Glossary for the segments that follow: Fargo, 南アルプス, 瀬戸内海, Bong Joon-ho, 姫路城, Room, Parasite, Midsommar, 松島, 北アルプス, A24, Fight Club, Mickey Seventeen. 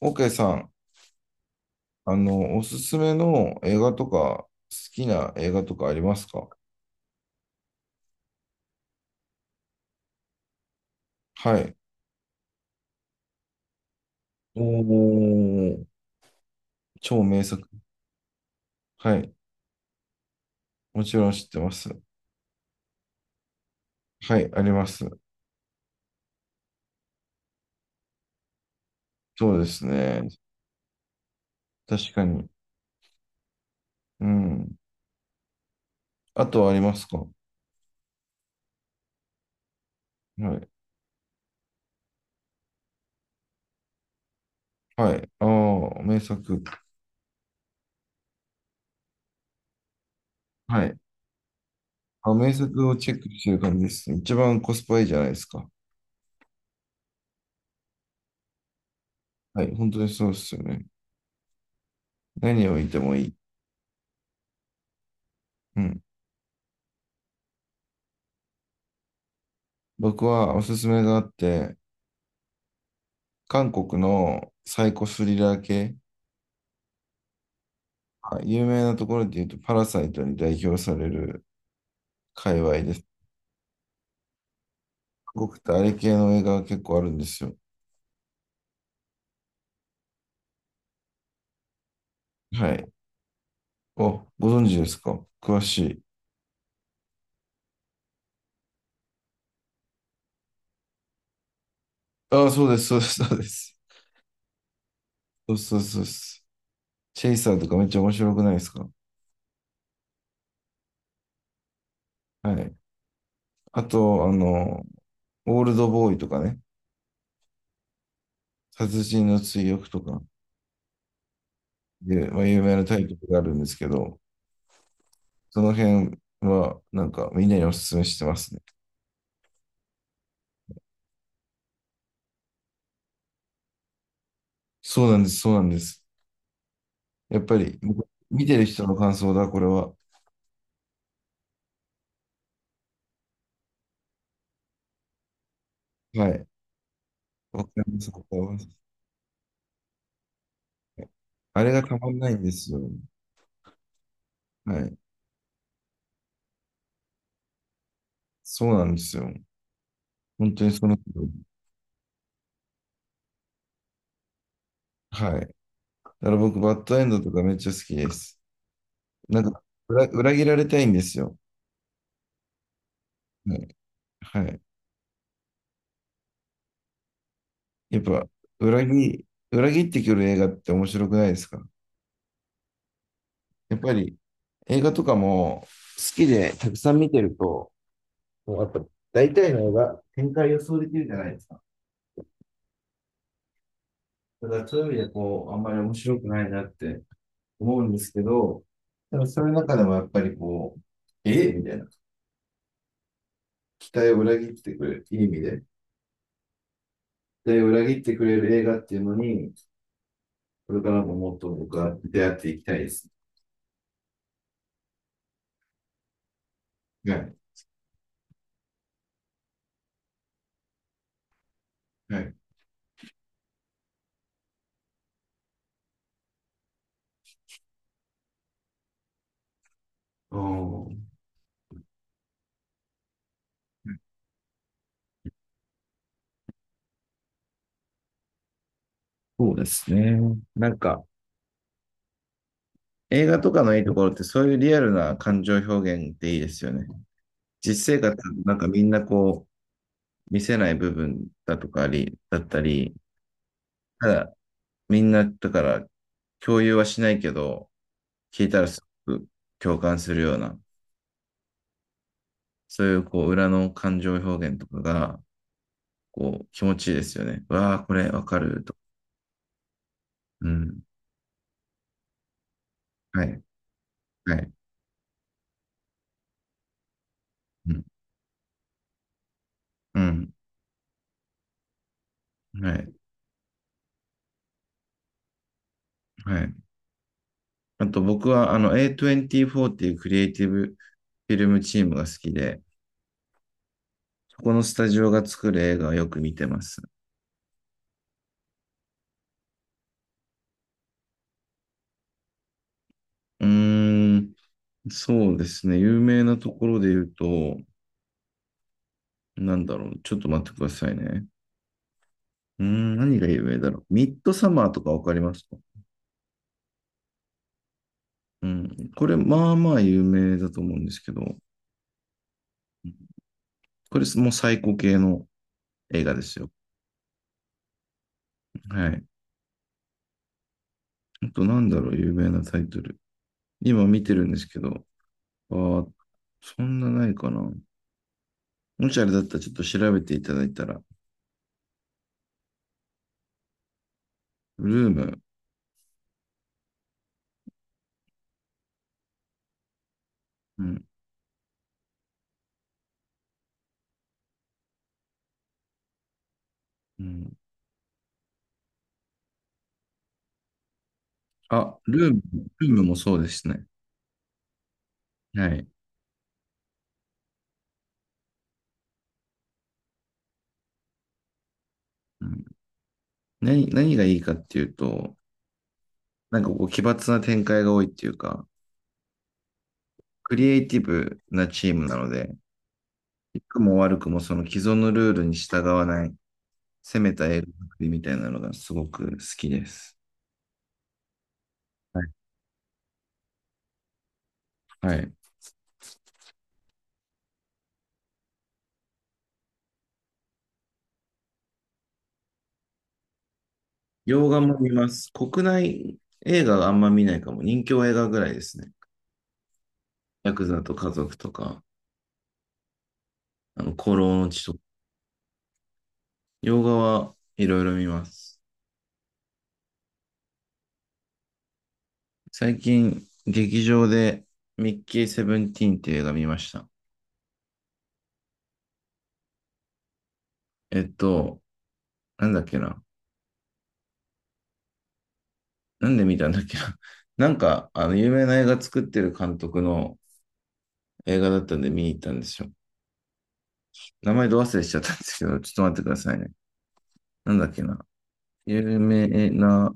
オーケーさん、おすすめの映画とか、好きな映画とかありますか？はい。おー、超名作。はい。もちろん知ってます。はい、あります。そうですね。確かに。うん。あとはありますか？はい。はい。ああ、名作。はい。あ、名作をチェックしてる感じですね。一番コスパいいじゃないですか。はい。本当にそうですよね。何を見てもいい。うん。僕はおすすめがあって、韓国のサイコスリラー系、はい、有名なところで言うと、パラサイトに代表される界隈です。韓国ってあれ系の映画が結構あるんですよ。はい。お、ご存知ですか、詳しい。ああ、そうです、そうです、そうです。そうそうそうです。チェイサーとかめっちゃ面白くないですか？はい。あと、オールドボーイとかね、殺人の追憶とかで、まあ、有名なタイトルがあるんですけど、その辺はなんかみんなにおすすめしてますね。そうなんです、そうなんです。やっぱり、見てる人の感想だ、これは。はい。わかります、わかります。あれがたまんないんですよ。はい。そうなんですよ。本当にその通り、はい。だから僕、バッドエンドとかめっちゃ好きです。なんか、裏切られたいんですよ。はい。はい。やっぱ、裏切、裏切ってくる映画って面白くないですか？やっぱり、映画とかも好きでたくさん見てると、もうやっぱ大体の映画、展開予想できるじゃないですか。だからそういう意味でこう、あんまり面白くないなって思うんですけど、でもそれの中でもやっぱりこう、ええみたいな。期待を裏切ってくれる、いい意味で。期待を裏切ってくれる映画っていうのに、これからももっと僕は出会っていきたいです。はい。はい。そうですね。なんか、映画とかのいいところってそういうリアルな感情表現っていいですよね。実生活、なんかみんなこう、見せない部分だとかあり、だったり、ただ、みんな、だから、共有はしないけど、聞いたらすごく共感するような、そういう、こう、裏の感情表現とかが、こう、気持ちいいですよね。わあ、これわかると。うん。はい。はい。うん。うん。はい。はい。あと、僕は、A24 っていうクリエイティブフィルムチームが好きで、そこのスタジオが作る映画をよく見てます。うーん。そうですね。有名なところで言うと、なんだろう。ちょっと待ってくださいね。うーん、何が有名だろう。ミッドサマーとかわかりますか？うん。これ、まあまあ有名だと思うんですけど、これもう最高系の映画ですよ。はい。あと、なんだろう、有名なタイトル。今見てるんですけど、あー、そんなないかな。もしあれだったらちょっと調べていただいたら、ルーム。うん。うん、あ、ルーム、ルームもそうですね。はい。うん、何がいいかっていうと、なんかこう奇抜な展開が多いっていうか、クリエイティブなチームなので、良くも悪くもその既存のルールに従わない、攻めた映画作りみたいなのがすごく好きです。はい。はい。洋画も見ます。国内映画があんま見ないかも。人気映画ぐらいですね。ヤクザと家族とか、孤狼の血とか。洋画はいろいろ見ます。最近、劇場でミッキーセブンティーンっていう映画見ました。えっと、なんだっけな。なんで見たんだっけな。なんか、有名な映画作ってる監督の映画だったんで見に行ったんですよ。名前ど忘れしちゃったんですけど、ちょっと待ってくださいね。なんだっけな。有名な、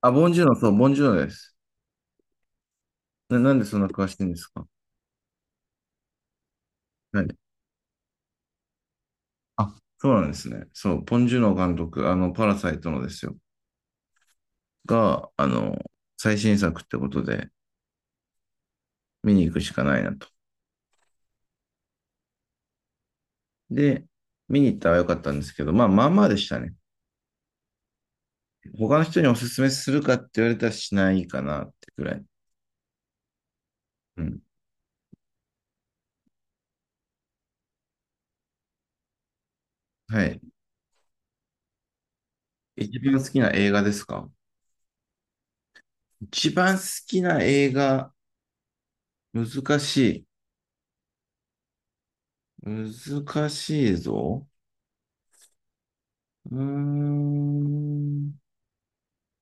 あ、ボンジューノ、そう、ボンジューノです。なんでそんな詳しいんですか？はい。あ、そうなんですね。そう、ボンジューノ監督、パラサイトのですよ。が、最新作ってことで、見に行くしかないなと。で、見に行ったらよかったんですけど、まあ、まあまあでしたね。他の人におすすめするかって言われたらしないかなってくらい。うん。はい。一番好きな映画ですか？一番好きな映画、難しい。難しいぞ。うーん。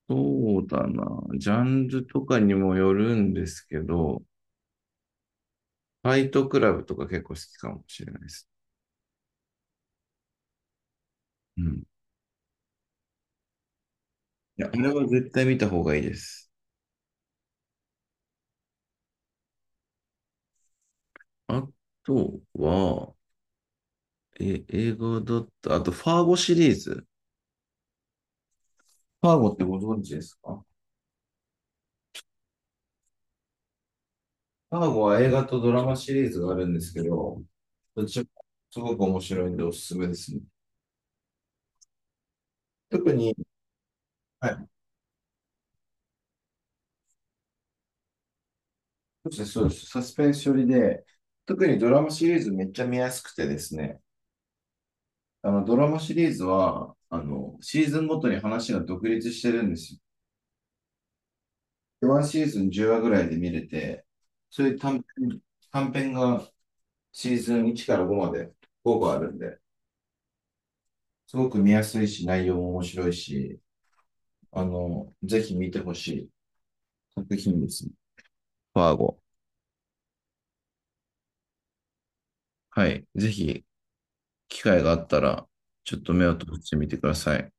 そうだな。ジャンルとかにもよるんですけど、ファイトクラブとか結構好きかもしれないです。うん。いや、あれは絶対見た方がいいです。あとは、え、映画だった。あと、ファーゴシリーズ。パーゴってご存知ですか？パーゴは映画とドラマシリーズがあるんですけど、どっちもすごく面白いんでおすすめですね。特に、はい、そうです、そうです、サスペンス寄りで、特にドラマシリーズめっちゃ見やすくてですね、あのドラマシリーズはあのシーズンごとに話が独立してるんですよ。ワンシーズン10話ぐらいで見れて、そういう短編がシーズン1から5までご個あるんで、すごく見やすいし、内容も面白いし、ぜひ見てほしい作品です。ファーゴ。はい。ぜひ、機会があったら、ちょっと目を閉してみてください。